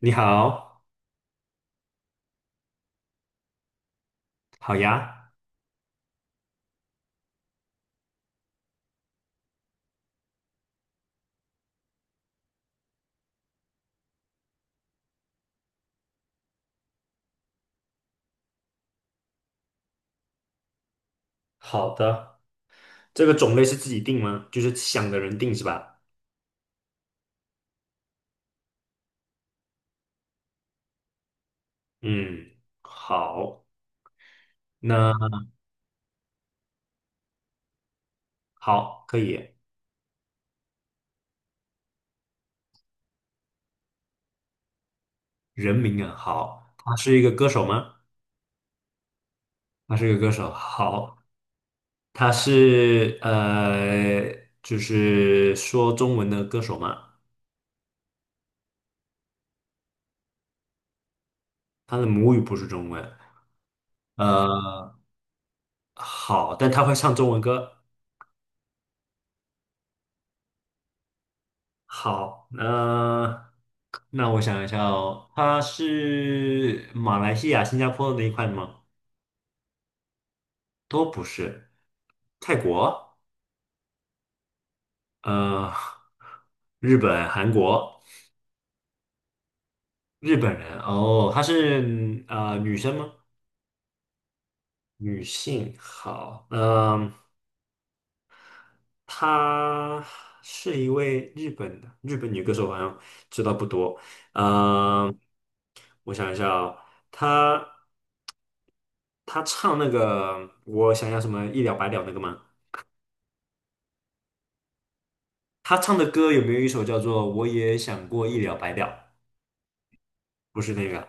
你好，好呀，好的，这个种类是自己定吗？就是想的人定是吧？嗯，好，那好，可以。人名啊，好，他是一个歌手吗？他是一个歌手，好，他是就是说中文的歌手吗？他的母语不是中文，呃，好，但他会唱中文歌，好，那我想一下哦，它是马来西亚、新加坡那一块吗？都不是，泰国，呃，日本、韩国，日本人哦，她是女生吗？女性，好，她是一位日本的日本女歌手，好像知道不多，嗯、我想一下哦，她。他唱那个我想要什么一了百了那个吗？他唱的歌有没有一首叫做《我也想过一了百了》？不是那个，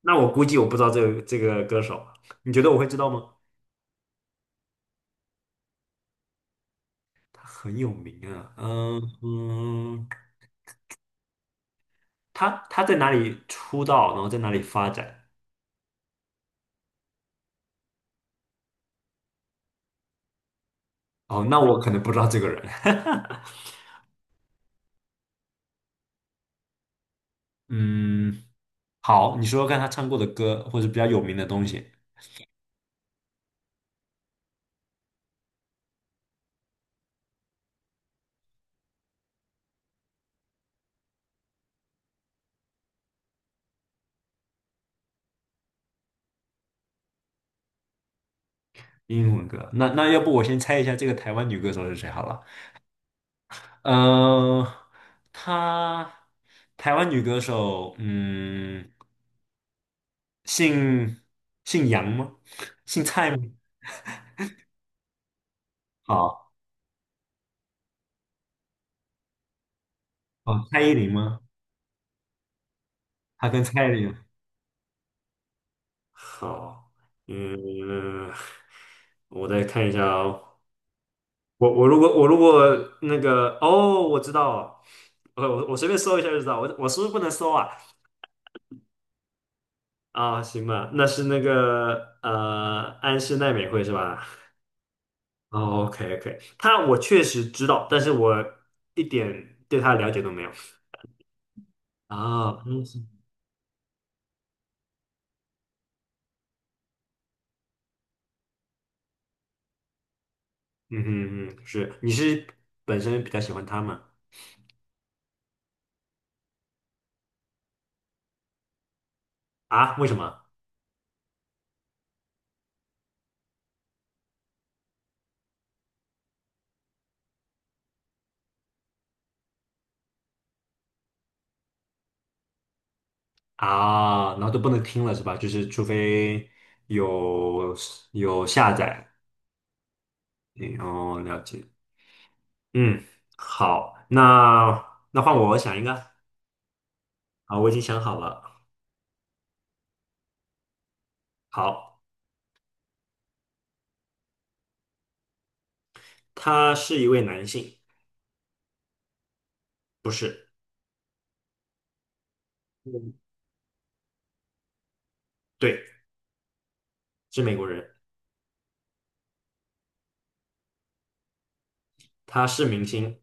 那我估计我不知道这个歌手，你觉得我会知道吗？他很有名啊，嗯嗯，他在哪里出道，然后在哪里发展？哦，那我可能不知道这个人。嗯，好，你说说看他唱过的歌，或者比较有名的东西，英文歌。那要不我先猜一下这个台湾女歌手是谁好了。呃，她台湾女歌手，嗯，姓姓杨吗？姓蔡吗？好，哦，蔡依林吗？她跟蔡依林，好，嗯，我再看一下哦。我如果那个哦，我知道了，我随便搜一下就知道。我是不是不能搜啊？啊，行吧，那是那个安室奈美惠是吧？哦，OK OK，他我确实知道，但是我一点对他的了解都没有。啊，嗯嗯嗯嗯，是，你是本身比较喜欢他吗？啊，为什么？啊，然后都不能听了是吧？就是除非有下载，嗯哦，了解。嗯，好，那换我，我想一个。好，我已经想好了。好，他是一位男性，不是，嗯对，是美国人，他是明星。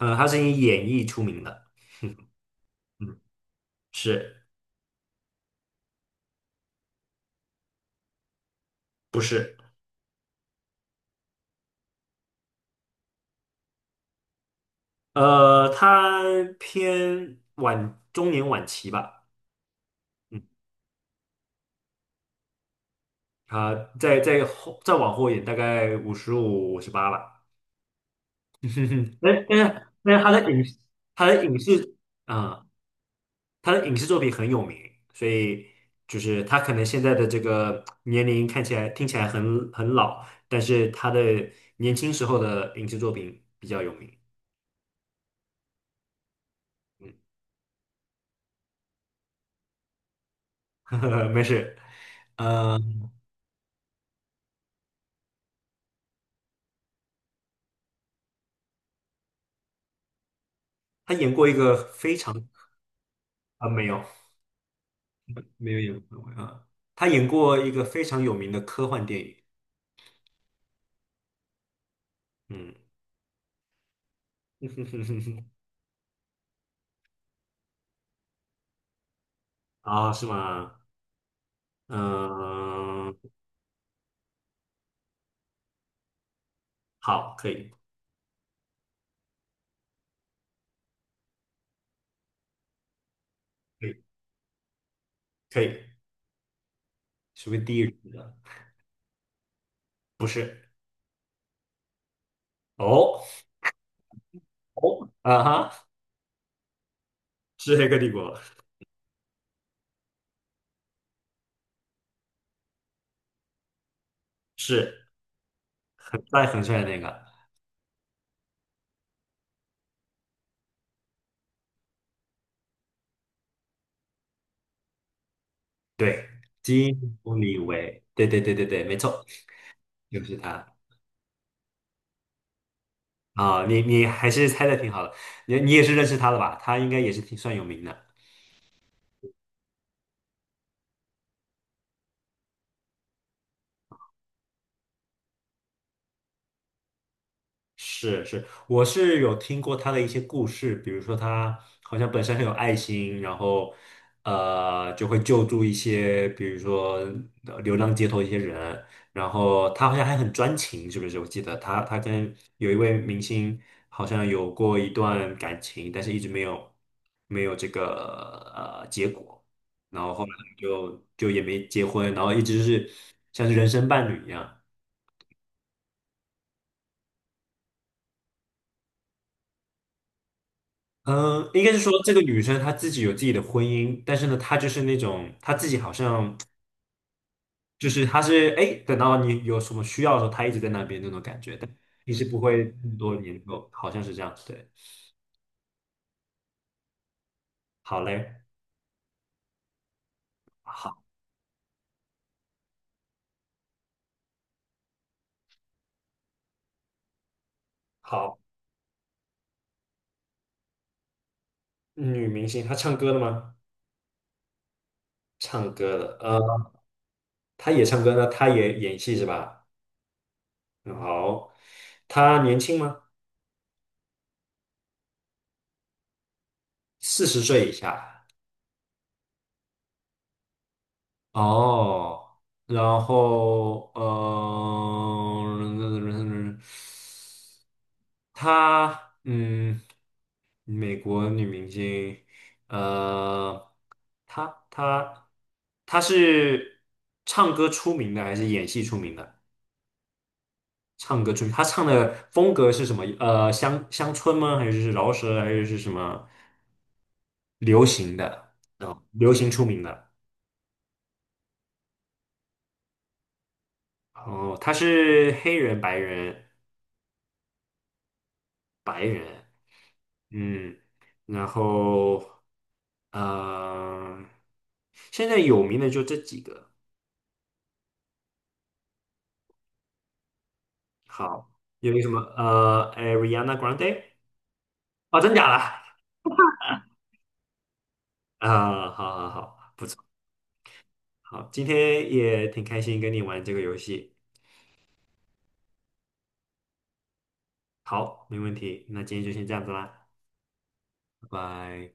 他是以演绎出名的，嗯，是不是？他偏晚中年晚期吧，嗯，他在后再往后一点，大概55、58了。但是他的影视啊、他的影视作品很有名，所以就是他可能现在的这个年龄看起来听起来很老，但是他的年轻时候的影视作品比较有名。嗯，没事。嗯。他演过一个非常啊、没有没有演过啊，他演过一个非常有名的科幻电影，嗯，啊是吗？嗯，好，可以可以可以，属于第一人的，不是哦哦啊哈，是《黑客帝国》，是很帅很帅的那个，对，金普里维，对对对对对，没错，就是他啊，你还是猜的挺好的，你也是认识他的吧？他应该也是挺算有名的。是是，我是有听过他的一些故事，比如说他好像本身很有爱心，然后就会救助一些，比如说流浪街头一些人，然后他好像还很专情，是不是？我记得他跟有一位明星好像有过一段感情，但是一直没有这个结果，然后后面就也没结婚，然后一直是像是人生伴侣一样。嗯，应该是说这个女生她自己有自己的婚姻，但是呢，她就是那种她自己好像就是她是哎，等到你有什么需要的时候，她一直在那边那种感觉，但平时不会很多联络，好像是这样。对，好嘞，好，好，女明星她唱歌的吗？唱歌的，她也唱歌呢，她也演戏是吧？嗯好，她年轻吗？40岁以下。哦，然后，她嗯，美国女明星，呃，她她她是唱歌出名的还是演戏出名的？唱歌出名，她唱的风格是什么？乡村吗？还是饶舌？还是什么流行的？哦，流行出名的。哦，她是黑人、白人、白人。嗯，然后呃，现在有名的就这几个。好，有一个什么Ariana Grande 哦，真假的？啊、好好好，不错，好，今天也挺开心跟你玩这个游戏。好，没问题，那今天就先这样子啦，拜拜。